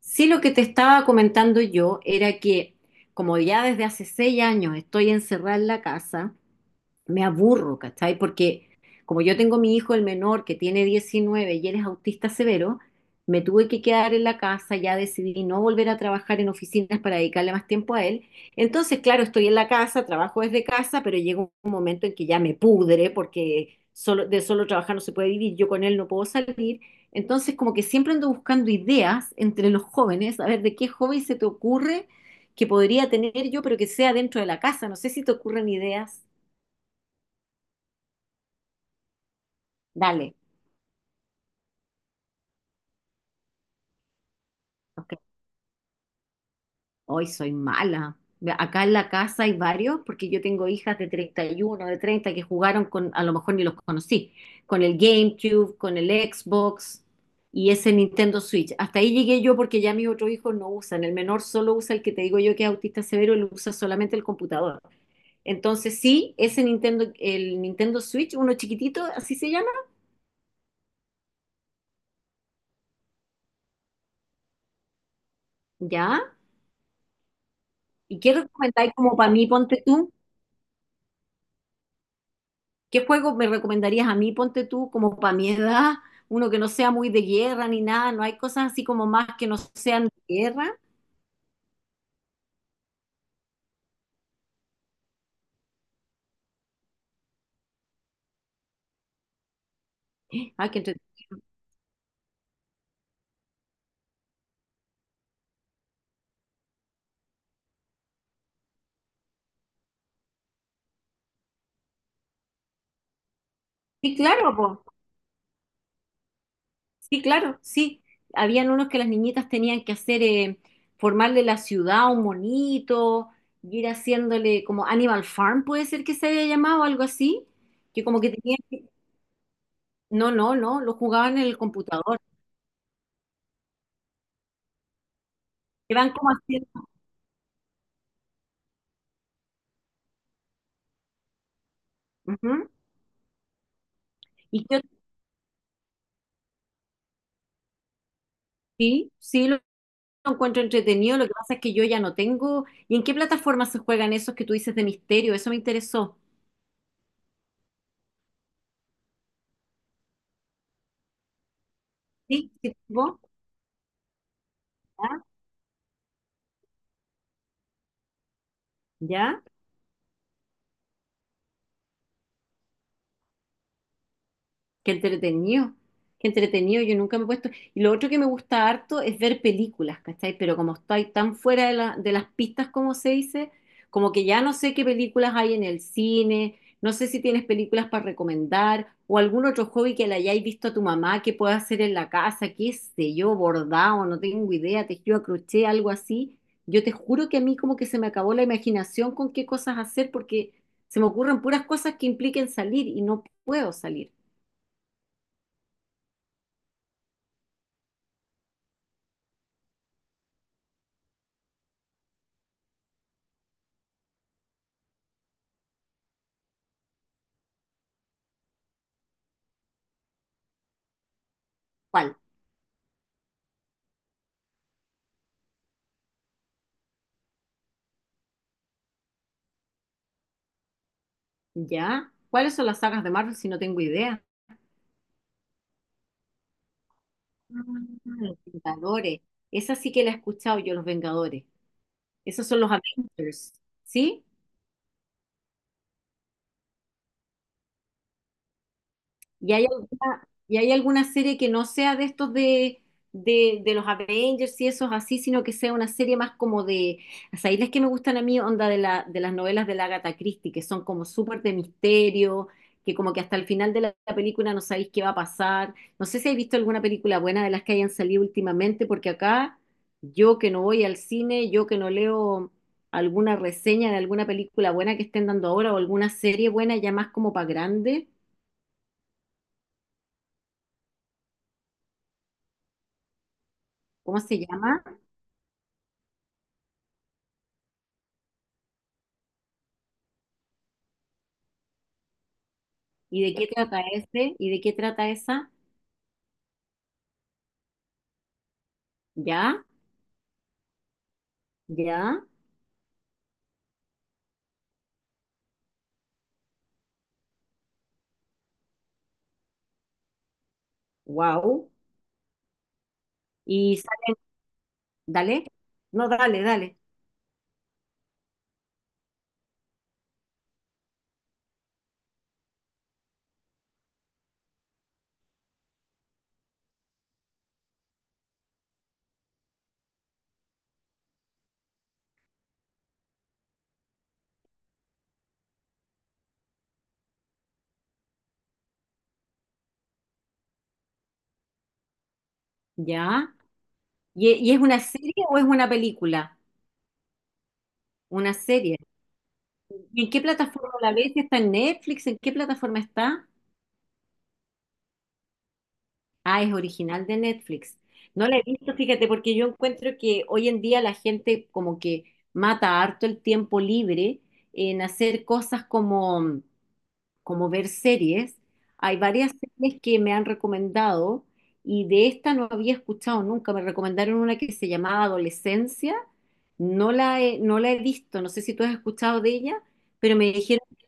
Sí, lo que te estaba comentando yo era que como ya desde hace 6 años estoy encerrada en la casa, me aburro, ¿cachai? Porque como yo tengo mi hijo, el menor, que tiene 19 y él es autista severo, me tuve que quedar en la casa, ya decidí no volver a trabajar en oficinas para dedicarle más tiempo a él. Entonces, claro, estoy en la casa, trabajo desde casa, pero llega un momento en que ya me pudre porque de solo trabajar no se puede vivir, yo con él no puedo salir. Entonces, como que siempre ando buscando ideas entre los jóvenes, a ver de qué joven se te ocurre que podría tener yo, pero que sea dentro de la casa. No sé si te ocurren ideas. Dale. Ok. Hoy soy mala. Acá en la casa hay varios, porque yo tengo hijas de 31 de 30 que jugaron con, a lo mejor ni los conocí, con el GameCube, con el Xbox y ese Nintendo Switch. Hasta ahí llegué yo porque ya mis otros hijos no usan. El menor solo usa el que te digo yo que es autista severo, él usa solamente el computador. Entonces, sí, ese Nintendo, el Nintendo Switch, uno chiquitito, así se llama, ¿ya? ¿Y qué recomendáis como para mí, ponte tú? ¿Qué juego me recomendarías a mí, ponte tú, como para mi edad? Uno que no sea muy de guerra ni nada, no hay cosas así como más que no sean de guerra. Ah, qué entre- Sí, claro, po. Sí, claro, sí. Habían unos que las niñitas tenían que hacer, formarle la ciudad a un monito, y ir haciéndole como Animal Farm, puede ser que se haya llamado, algo así, que como que tenían que... No, no, no, lo jugaban en el computador. Que van como haciendo... Ujú. ¿Y qué otro? Sí, sí, lo encuentro entretenido, lo que pasa es que yo ya no tengo. ¿Y en qué plataforma se juegan esos que tú dices de misterio? Eso me interesó. ¿Sí? ¿Sí? ¿Vos? ¿Ya? ¿Ya? Qué entretenido, qué entretenido, yo nunca me he puesto. Y lo otro que me gusta harto es ver películas, ¿cachai? Pero como estoy tan fuera de las pistas, como se dice, como que ya no sé qué películas hay en el cine, no sé si tienes películas para recomendar o algún otro hobby que le hayáis visto a tu mamá que pueda hacer en la casa, qué sé yo, bordado, no tengo idea, tejido a crochet, algo así. Yo te juro que a mí como que se me acabó la imaginación con qué cosas hacer porque se me ocurren puras cosas que impliquen salir y no puedo salir. ¿Cuál? ¿Ya? ¿Cuáles son las sagas de Marvel si no tengo idea? Ah, Los Vengadores. Esa sí que la he escuchado yo, los Vengadores. Esos son los Avengers. ¿Sí? ¿Y hay alguna serie que no sea de estos de los Avengers y esos así, sino que sea una serie más como de, o sea, ahí las que me gustan a mí, onda de las novelas de la Agatha Christie, que son como súper de misterio, que como que hasta el final de la película no sabéis qué va a pasar. No sé si habéis visto alguna película buena de las que hayan salido últimamente, porque acá yo que no voy al cine, yo que no leo alguna reseña de alguna película buena que estén dando ahora o alguna serie buena ya más como para grande, ¿cómo se llama? ¿Y de qué trata este? ¿Y de qué trata esa? Ya, ya, wow. Y sale- Dale, no, dale, dale, ya. ¿Y es una serie o es una película? Una serie. ¿Y en qué plataforma la ves? Si ¿está en Netflix? ¿En qué plataforma está? Ah, es original de Netflix. No la he visto, fíjate, porque yo encuentro que hoy en día la gente como que mata harto el tiempo libre en hacer cosas como como ver series. Hay varias series que me han recomendado y de esta no había escuchado nunca. Me recomendaron una que se llamaba Adolescencia. No la he visto, no sé si tú has escuchado de ella, pero me dijeron que,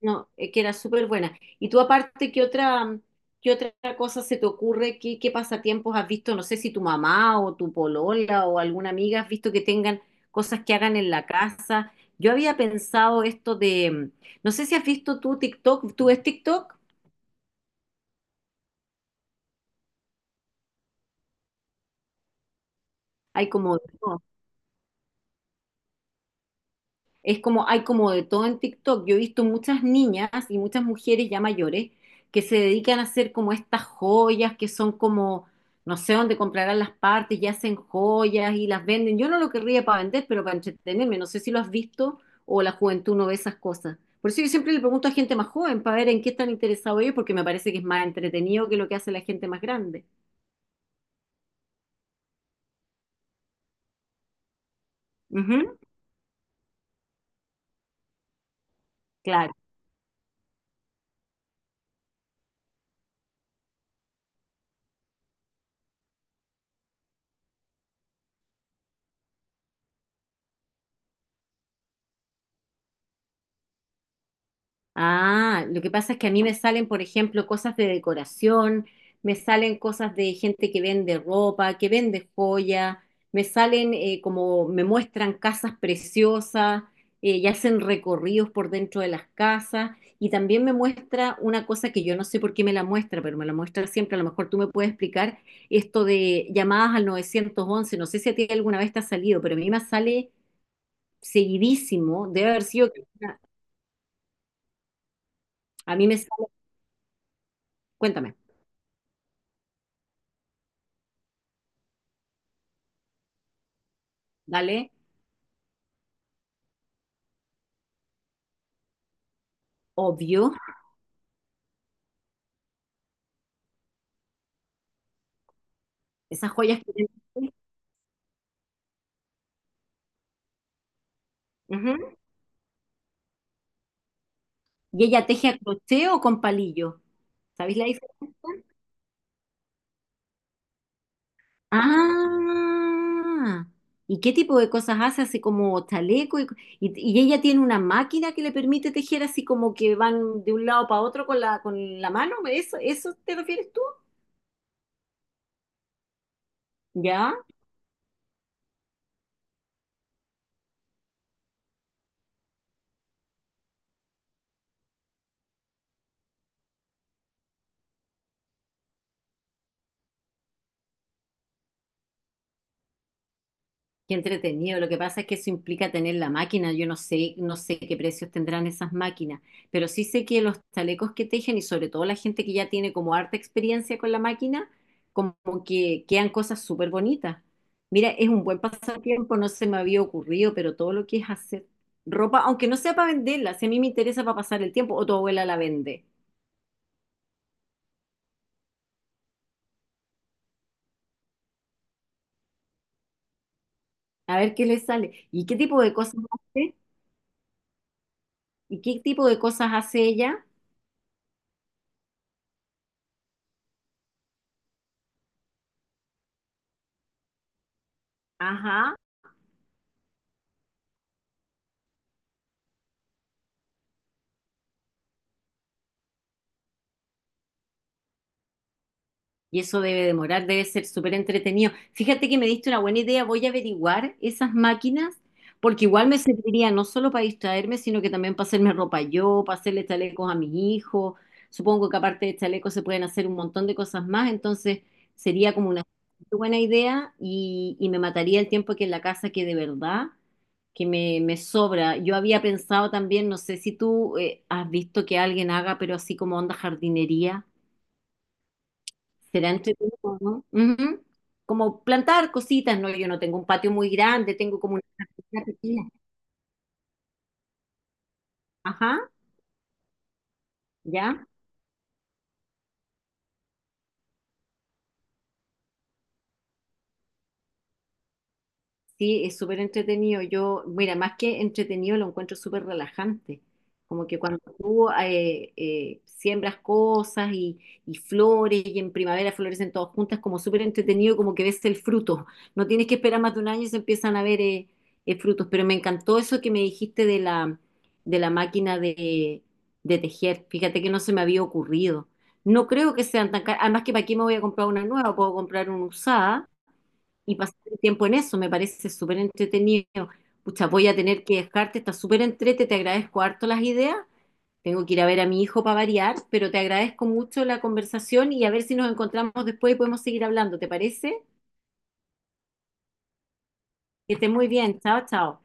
no, que era súper buena. Y tú aparte, ¿qué otra cosa se te ocurre? ¿Qué pasatiempos has visto? No sé si tu mamá o tu polola o alguna amiga has visto que tengan cosas que hagan en la casa. Yo había pensado esto de no sé si has visto tú TikTok, ¿tú ves TikTok? Hay como de todo. Es como, hay como de todo en TikTok. Yo he visto muchas niñas y muchas mujeres ya mayores que se dedican a hacer como estas joyas que son como, no sé dónde comprarán las partes y hacen joyas y las venden. Yo no lo querría para vender, pero para entretenerme. No sé si lo has visto o la juventud no ve esas cosas. Por eso yo siempre le pregunto a gente más joven para ver en qué están interesados ellos, porque me parece que es más entretenido que lo que hace la gente más grande. Ujú, claro. Ah, lo que pasa es que a mí me salen, por ejemplo, cosas de decoración, me salen cosas de gente que vende ropa, que vende joya, me salen como me muestran casas preciosas y hacen recorridos por dentro de las casas y también me muestra una cosa que yo no sé por qué me la muestra, pero me la muestra siempre, a lo mejor tú me puedes explicar esto de llamadas al 911. No sé si a ti alguna vez te ha salido, pero a mí me sale seguidísimo, debe haber sido, A mí me sale, cuéntame. ¿Vale? Obvio, esas joyas que... tiene. Ujú. Y ella teje a crochet o con palillo. ¿Sabéis la diferencia? Ah, ¿y qué tipo de cosas hace? Así como chaleco y, y ella tiene una máquina que le permite tejer así como que van de un lado para otro con la mano. ¿Eso te refieres tú? ¿Ya? Qué entretenido. Lo que pasa es que eso implica tener la máquina. Yo no sé qué precios tendrán esas máquinas, pero sí sé que los chalecos que tejen y sobre todo la gente que ya tiene como harta experiencia con la máquina, como que quedan cosas súper bonitas. Mira, es un buen pasatiempo, no se me había ocurrido, pero todo lo que es hacer ropa, aunque no sea para venderla, si a mí me interesa para pasar el tiempo, o tu abuela la vende. A ver qué le sale. ¿Y qué tipo de cosas hace? ¿Y qué tipo de cosas hace ella? Ajá. Y eso debe demorar, debe ser súper entretenido. Fíjate que me diste una buena idea, voy a averiguar esas máquinas, porque igual me serviría no solo para distraerme, sino que también para hacerme ropa yo, para hacerle chalecos a mis hijos. Supongo que aparte de chalecos se pueden hacer un montón de cosas más, entonces sería como una buena idea y me mataría el tiempo que en la casa que de verdad que me sobra. Yo había pensado también, no sé si tú has visto que alguien haga, pero así como onda jardinería. Será entretenido, ¿no? Ujú. Como plantar cositas, ¿no? Yo no tengo un patio muy grande, tengo como una pequeña. Ajá, ¿ya? Sí, es súper entretenido. Yo, mira, más que entretenido, lo encuentro súper relajante. Como que cuando tú siembras cosas y flores y en primavera florecen todas juntas, como súper entretenido, como que ves el fruto. No tienes que esperar más de un año y se empiezan a ver frutos. Pero me encantó eso que me dijiste de la máquina de tejer. Fíjate que no se me había ocurrido. No creo que sean tan caras. Además que para aquí me voy a comprar una nueva, puedo comprar una usada y pasar el tiempo en eso, me parece súper entretenido. Pucha, voy a tener que dejarte, está súper entrete, te agradezco harto las ideas. Tengo que ir a ver a mi hijo para variar, pero te agradezco mucho la conversación y a ver si nos encontramos después y podemos seguir hablando, ¿te parece? Que estés muy bien, chao, chao.